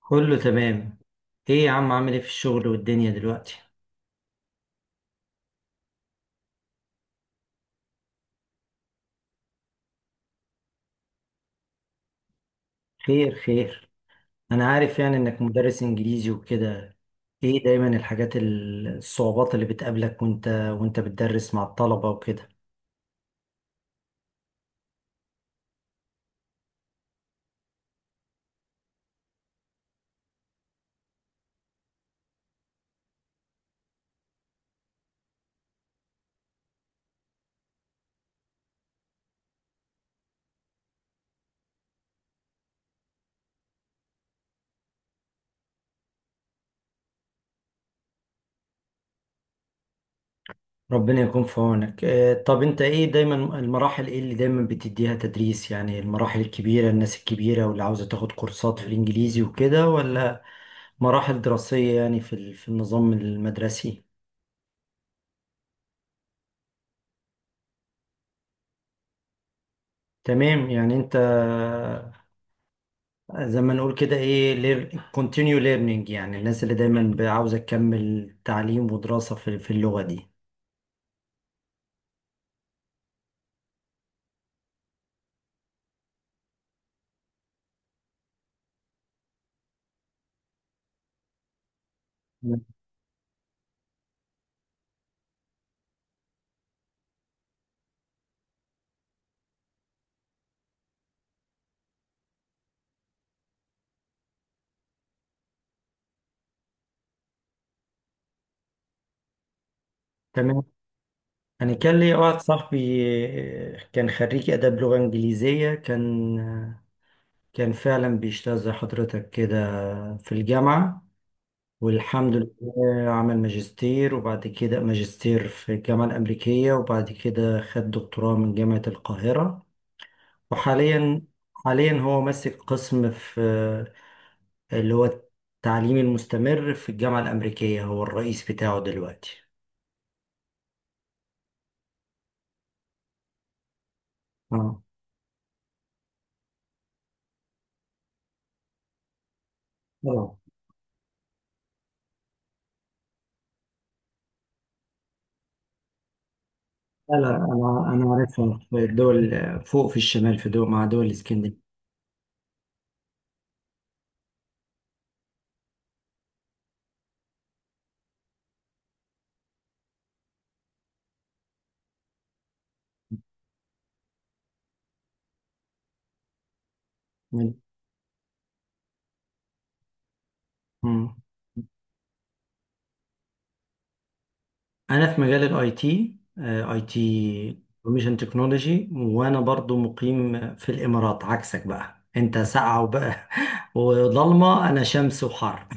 كله تمام. ايه يا عم، عامل ايه في الشغل والدنيا دلوقتي؟ خير خير. انا عارف يعني انك مدرس انجليزي وكده. ايه دايما الحاجات الصعوبات اللي بتقابلك وانت بتدرس مع الطلبة وكده. ربنا يكون في عونك. طب انت ايه، دايما المراحل ايه اللي دايما بتديها تدريس؟ يعني المراحل الكبيرة، الناس الكبيرة واللي عاوزة تاخد كورسات في الانجليزي وكده، ولا مراحل دراسية يعني في النظام المدرسي؟ تمام. يعني انت زي ما نقول كده ايه continue learning، يعني الناس اللي دايما عاوزة تكمل تعليم ودراسة في اللغة دي. تمام. انا كان لي واحد صاحبي، كان خريج اداب لغة انجليزية، كان فعلا بيشتغل زي حضرتك كده في الجامعة. والحمد لله عمل ماجستير، وبعد كده ماجستير في الجامعة الأمريكية، وبعد كده خد دكتوراه من جامعة القاهرة. وحاليا هو ماسك قسم في اللي هو التعليم المستمر في الجامعة الأمريكية، هو الرئيس بتاعه دلوقتي. اه. طبعا. لا لا، انا عارفها في الدول فوق في الشمال، في دول مع دول الاسكندنافيه. مم. أنا في مجال الاي تي، اي تي انفورميشن تكنولوجي، وأنا برضو مقيم في الإمارات، عكسك بقى أنت ساقعة وبقى وضلمة، أنا شمس وحر.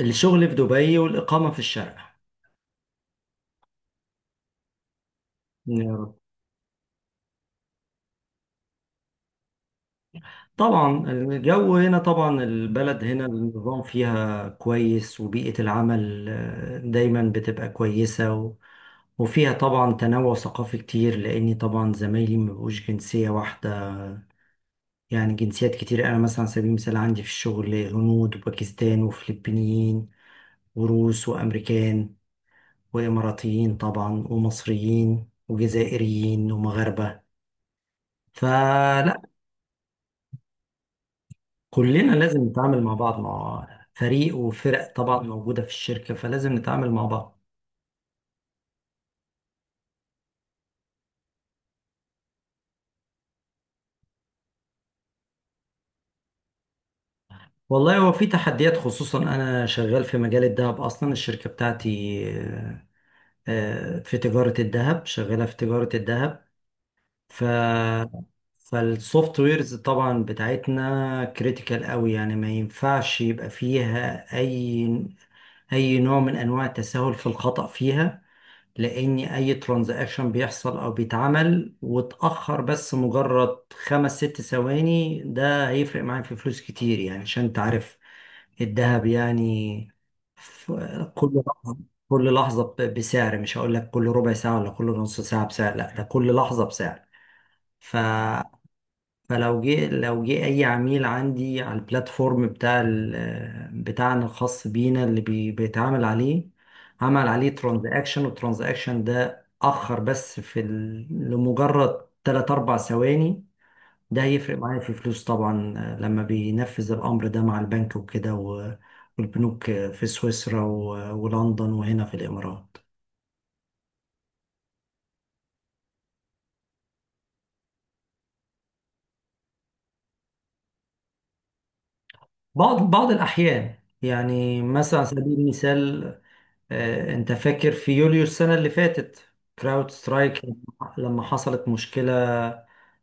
الشغل في دبي والإقامة في الشارقة. طبعا الجو هنا، طبعا البلد هنا النظام فيها كويس، وبيئة العمل دايما بتبقى كويسة، وفيها طبعا تنوع ثقافي كتير، لأني طبعا زمايلي مبقوش جنسية واحدة. يعني جنسيات كتير، أنا مثلا على سبيل المثال عندي في الشغل هنود وباكستان وفلبينيين وروس وأمريكان وإماراتيين طبعا ومصريين وجزائريين ومغاربة، فلا. كلنا لازم نتعامل مع بعض، مع فريق وفرق طبعا موجودة في الشركة، فلازم نتعامل مع بعض. والله هو في تحديات، خصوصا أنا شغال في مجال الذهب، أصلا الشركة بتاعتي في تجارة الذهب، شغالة في تجارة الذهب. ف فالسوفت ويرز طبعا بتاعتنا كريتيكال قوي، يعني ما ينفعش يبقى فيها أي نوع من أنواع التساهل في الخطأ فيها. لاني اي ترانزاكشن بيحصل او بيتعمل واتاخر بس مجرد خمس ست ثواني، ده هيفرق معايا في فلوس كتير، يعني عشان انت عارف الذهب يعني. ف- كل لحظة كل لحظة بسعر، مش هقول لك كل ربع ساعة ولا كل نص ساعة بسعر، لا ده كل لحظة بسعر. ف فلو جه اي عميل عندي على البلاتفورم بتاعنا الخاص بينا، اللي بيتعامل عليه، عمل عليه ترانزاكشن، والترانزاكشن ده اخر بس لمجرد 3 4 ثواني، ده هيفرق معايا في فلوس طبعا، لما بينفذ الامر ده مع البنك وكده، والبنوك في سويسرا ولندن وهنا في الامارات. بعض الاحيان، يعني مثلا على سبيل المثال، انت فاكر في يوليو السنة اللي فاتت، كراود سترايك، لما حصلت مشكلة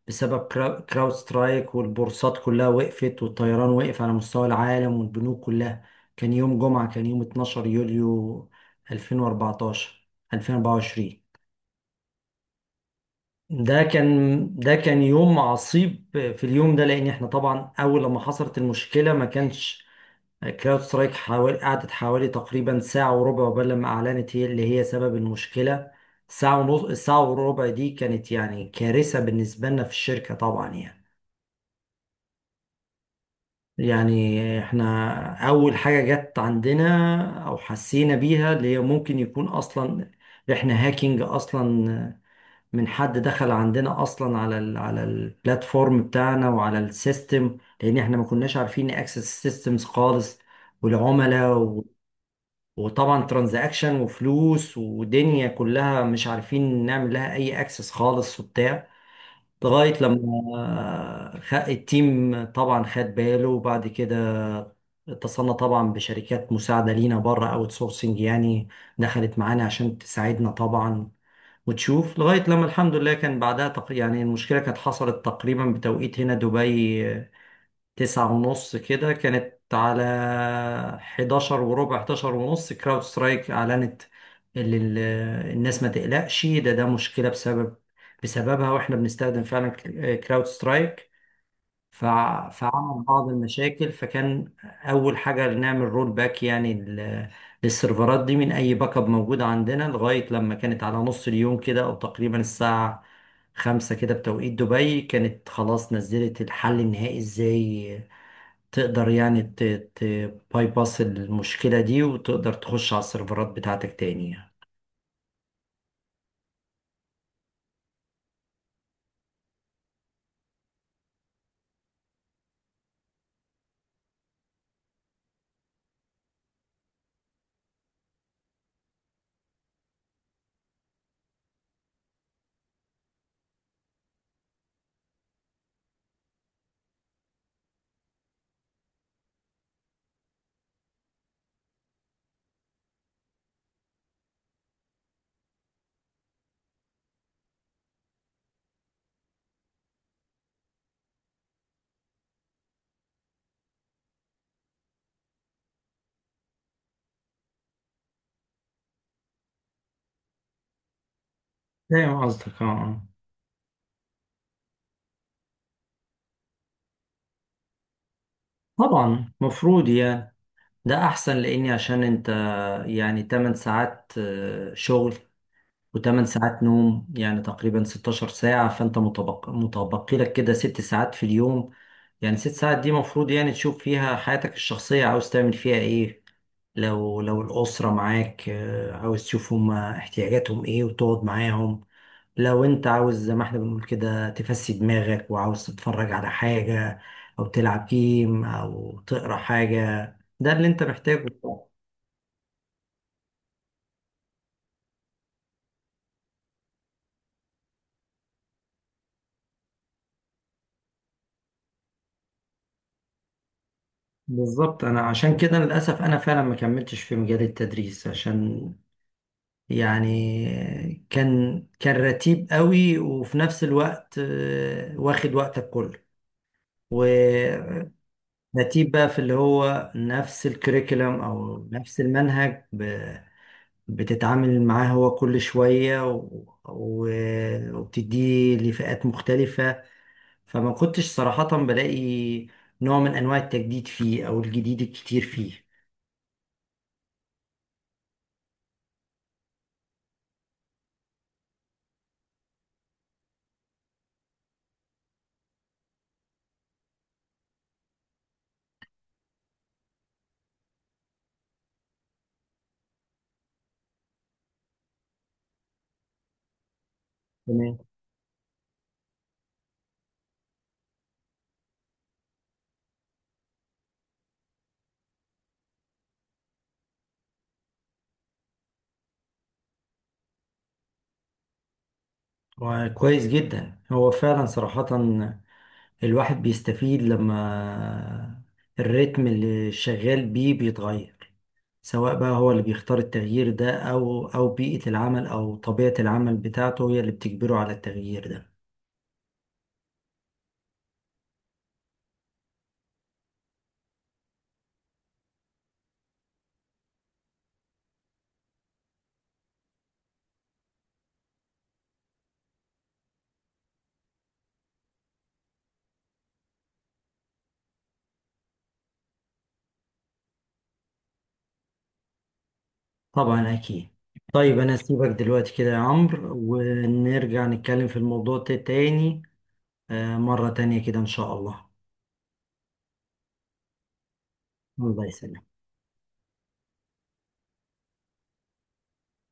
بسبب كراود سترايك، والبورصات كلها وقفت، والطيران وقف على مستوى العالم والبنوك كلها. كان يوم جمعة، كان يوم 12 يوليو 2014 2024. ده كان يوم عصيب في اليوم ده، لان احنا طبعا اول لما حصلت المشكلة ما كانش كلاود سترايك، حوالي قعدت حوالي تقريبا ساعة وربع قبل لما أعلنت هي اللي هي سبب المشكلة. ساعة ونص، الساعة وربع دي كانت يعني كارثة بالنسبة لنا في الشركة طبعا يعني احنا أول حاجة جت عندنا أو حسينا بيها، اللي هي ممكن يكون أصلا احنا هاكينج أصلا، من حد دخل عندنا أصلا على البلاتفورم بتاعنا وعلى السيستم، لأن احنا ما كناش عارفين نأكسس السيستمز خالص والعملاء. وطبعا ترانزاكشن وفلوس ودنيا كلها مش عارفين نعمل لها اي اكسس خالص وبتاع، لغاية لما التيم طبعا خد باله. وبعد كده اتصلنا طبعا بشركات مساعدة لينا بره، اوت سورسنج يعني، دخلت معانا عشان تساعدنا طبعا وتشوف، لغاية لما الحمد لله كان بعدها يعني المشكلة كانت حصلت تقريبا بتوقيت هنا دبي 9:30 كده، كانت على 11:15، 11:30 كراود سترايك أعلنت، اللي الناس ما تقلقش، ده مشكلة بسببها، واحنا بنستخدم فعلا كراود سترايك. فعمل بعض المشاكل، فكان أول حاجة نعمل رول باك يعني للسيرفرات دي من أي باك اب موجود عندنا، لغاية لما كانت على نص اليوم كده أو تقريبا الساعة 5 كده بتوقيت دبي، كانت خلاص نزلت الحل النهائي ازاي تقدر يعني بايباس المشكلة دي وتقدر تخش على السيرفرات بتاعتك تاني يعني. فاهم قصدك، اه، آه. طبعا مفروض يعني ده أحسن، لأني عشان أنت يعني 8 ساعات شغل، وتمن ساعات نوم، يعني تقريبا 16 ساعة، فأنت متبقي لك كده 6 ساعات في اليوم. يعني 6 ساعات دي مفروض يعني تشوف فيها حياتك الشخصية عاوز تعمل فيها إيه. لو الأسرة معاك عاوز تشوف هما احتياجاتهم إيه وتقعد معاهم. لو أنت عاوز زي ما إحنا بنقول كده تفسي دماغك وعاوز تتفرج على حاجة أو تلعب جيم أو تقرأ حاجة، ده اللي أنت محتاجه. بالظبط. انا عشان كده للاسف انا فعلا ما كملتش في مجال التدريس، عشان يعني كان رتيب قوي، وفي نفس الوقت واخد وقتك كله، ورتيب بقى في اللي هو نفس الكريكولم او نفس المنهج، بتتعامل معاه هو كل شوية، وبتديه لفئات مختلفة، فما كنتش صراحة بلاقي نوع من انواع التجديد فيه او الجديد الكتير فيه. وكويس جدا هو فعلا صراحة، الواحد بيستفيد لما الريتم اللي شغال بيه بيتغير، سواء بقى هو اللي بيختار التغيير ده أو بيئة العمل أو طبيعة العمل بتاعته هي اللي بتجبره على التغيير ده. طبعا أكيد. طيب أنا أسيبك دلوقتي كده يا عمرو، ونرجع نتكلم في الموضوع ده تاني، مرة تانية كده إن شاء الله. الله يسلمك.